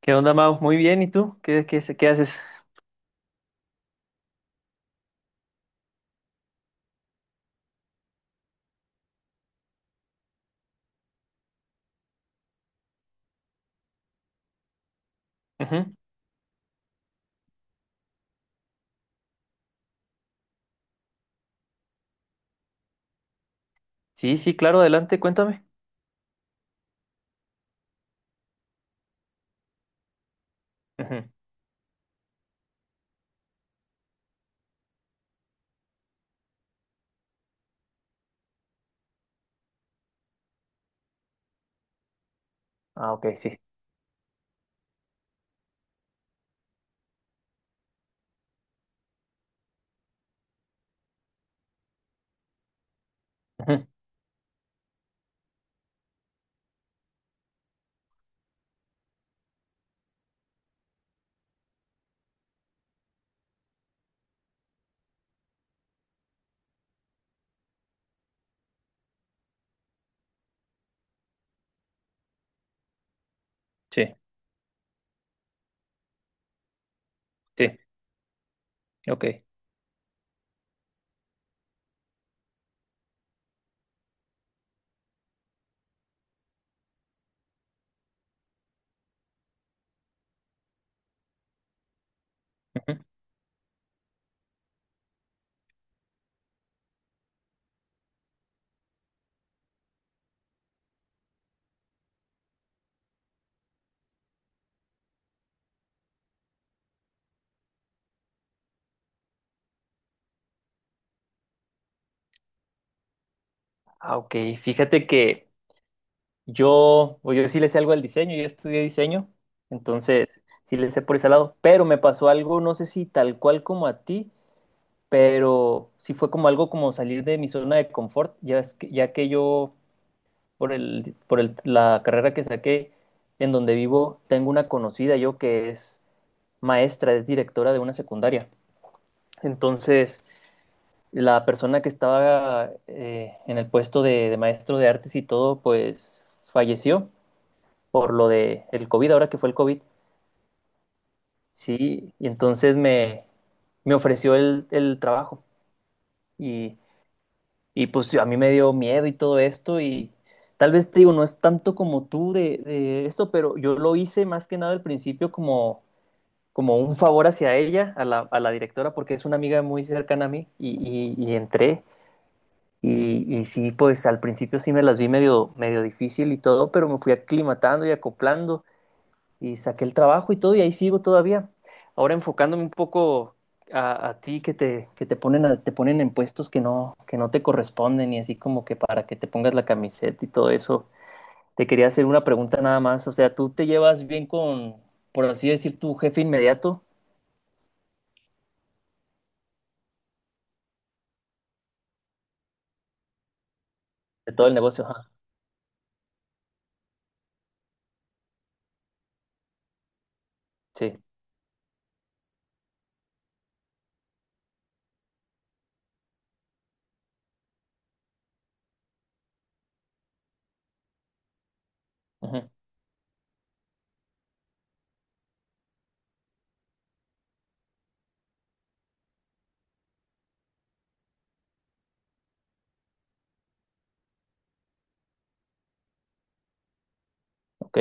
¿Qué onda, Mau? Muy bien, ¿y tú? ¿Qué haces? Ujú. Sí, sí, claro, adelante, cuéntame. Ujú. Ah, ok, sí. Ujú. Sí, sí, ok. Ujú. Ah, ok, fíjate que yo sí le sé algo al diseño, yo estudié diseño, entonces sí le sé por ese lado, pero me pasó algo, no sé si tal cual como a ti, pero sí fue como algo como salir de mi zona de confort, ya, es que, ya que yo, por la carrera que saqué, en donde vivo, tengo una conocida yo que es maestra, es directora de una secundaria. Entonces, la persona que estaba en el puesto de maestro de artes y todo, pues falleció por lo de el COVID, ahora que fue el COVID. Sí, y me ofreció el trabajo y, pues a mí me dio miedo y todo esto y tal vez te digo, no es tanto como tú de esto, pero yo lo hice más que nada al principio como como un favor hacia ella, a la directora, porque es una amiga muy cercana a mí y entré. Y sí, pues al principio sí me las vi medio difícil y todo, pero me fui aclimatando y acoplando y saqué el trabajo y todo y ahí sigo todavía. Ahora enfocándome un poco a ti que te ponen en puestos que no te corresponden y así como que para que te pongas la camiseta y todo eso. Te quería hacer una pregunta nada más. O sea, ¿tú te llevas bien con, por así decir, tu jefe inmediato de todo el negocio? Sí. Ujú. Ok,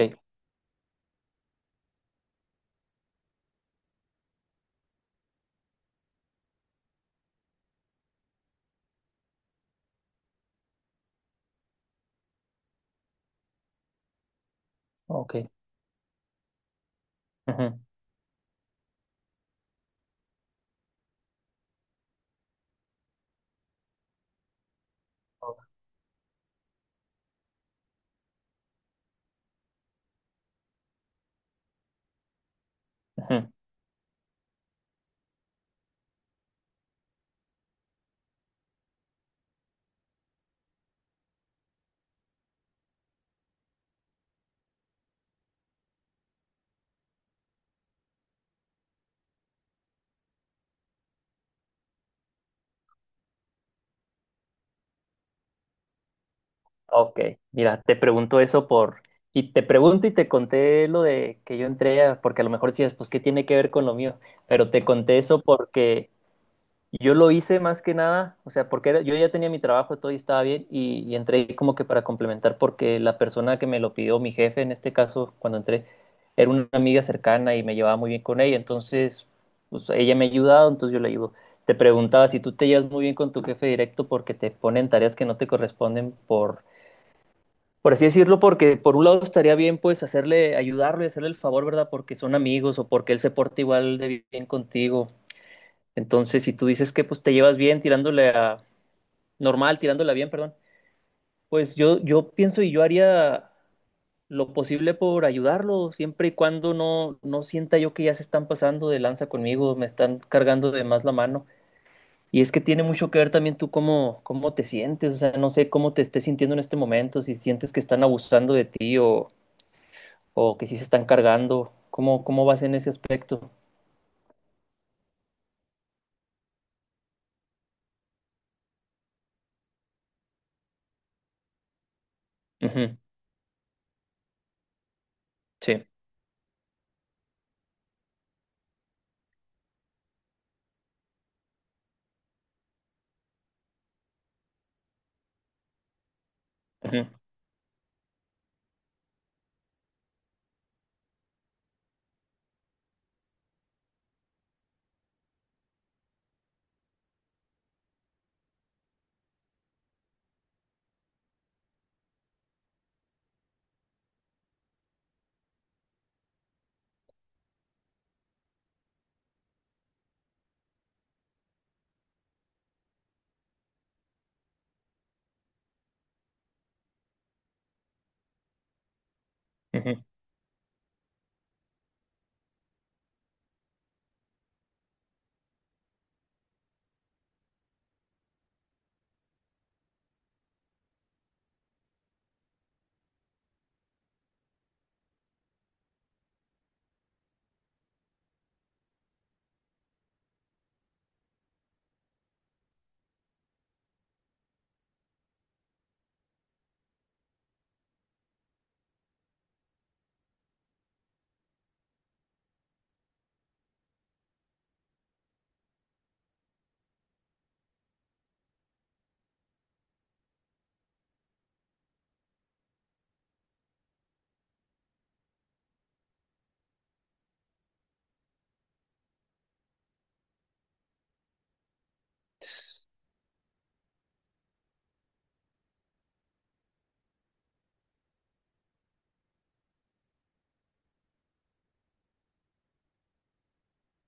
ok. Ujú. Ujú. Ok. Mira, te pregunto eso por... Y te pregunto y te conté lo de que yo entré, porque a lo mejor decías, pues, ¿qué tiene que ver con lo mío? Pero te conté eso porque yo lo hice más que nada, o sea, yo ya tenía mi trabajo, todo y estaba bien, y entré como que para complementar, porque la persona que me lo pidió, mi jefe en este caso, cuando entré, era una amiga cercana y me llevaba muy bien con ella, entonces, pues ella me ha ayudado, entonces yo le ayudo. Te preguntaba si tú te llevas muy bien con tu jefe directo porque te ponen tareas que no te corresponden por así decirlo, porque por un lado estaría bien pues hacerle, ayudarlo y hacerle el favor, ¿verdad? Porque son amigos o porque él se porta igual de bien contigo, entonces, si tú dices que pues te llevas bien tirándole a normal, tirándola bien, perdón, pues yo pienso y yo haría lo posible por ayudarlo, siempre y cuando no, no sienta yo que ya se están pasando de lanza conmigo, me están cargando de más la mano. Y es que tiene mucho que ver también tú cómo te sientes, o sea, no sé cómo te estés sintiendo en este momento, si sientes que están abusando de ti o que sí se están cargando, ¿cómo vas en ese aspecto? Ujú. Sí, ujú, ujú.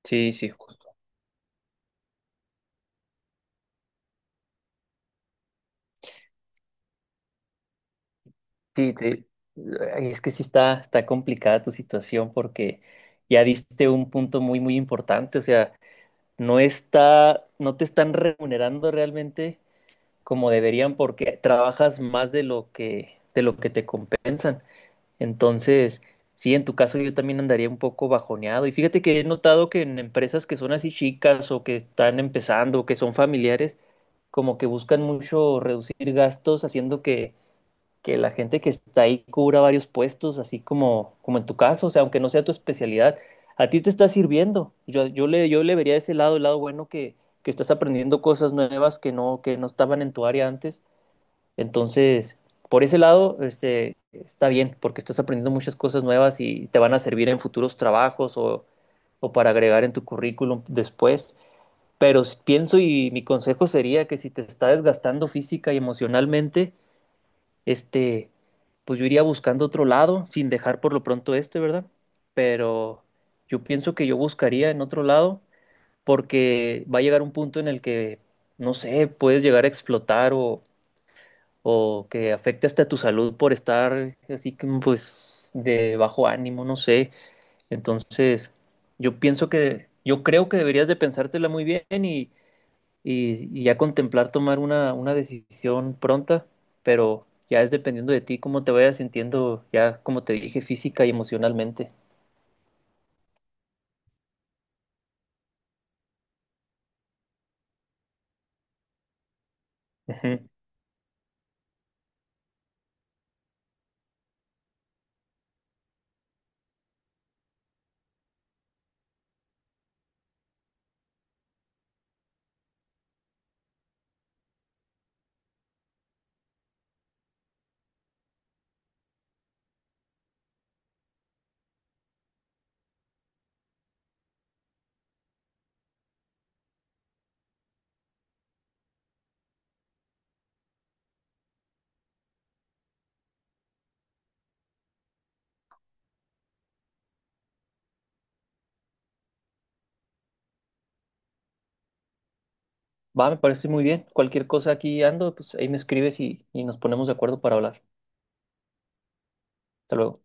Sí, sí. Sí, ay, es que sí está, está complicada tu situación porque ya diste un punto muy, muy importante. O sea, no está, no te están remunerando realmente como deberían porque trabajas más de lo que te compensan. Entonces, sí, en tu caso yo también andaría un poco bajoneado. Y fíjate que he notado que en empresas que son así chicas o que están empezando o que son familiares, como que buscan mucho reducir gastos haciendo que la gente que está ahí cubra varios puestos, así como, como en tu caso, o sea, aunque no sea tu especialidad, a ti te está sirviendo. Yo le vería ese lado, el lado bueno que estás aprendiendo cosas nuevas que no estaban en tu área antes. Entonces, por ese lado, este, está bien, porque estás aprendiendo muchas cosas nuevas y te van a servir en futuros trabajos o para agregar en tu currículum después. Pienso y mi consejo sería que si te está desgastando física y emocionalmente, este, pues yo iría buscando otro lado, sin dejar por lo pronto este, ¿verdad? Pero yo pienso que yo buscaría en otro lado, porque va a llegar un punto en el que, no sé, puedes llegar a explotar o que afecte hasta tu salud por estar así que, pues, de bajo ánimo, no sé. Entonces, yo creo que deberías de pensártela muy bien y ya contemplar tomar una decisión pronta, pero ya es dependiendo de ti cómo te vayas sintiendo, ya como te dije, física y emocionalmente. Ujú. Va, me parece muy bien. Cualquier cosa aquí ando, pues ahí me escribes y nos ponemos de acuerdo para hablar. Hasta luego.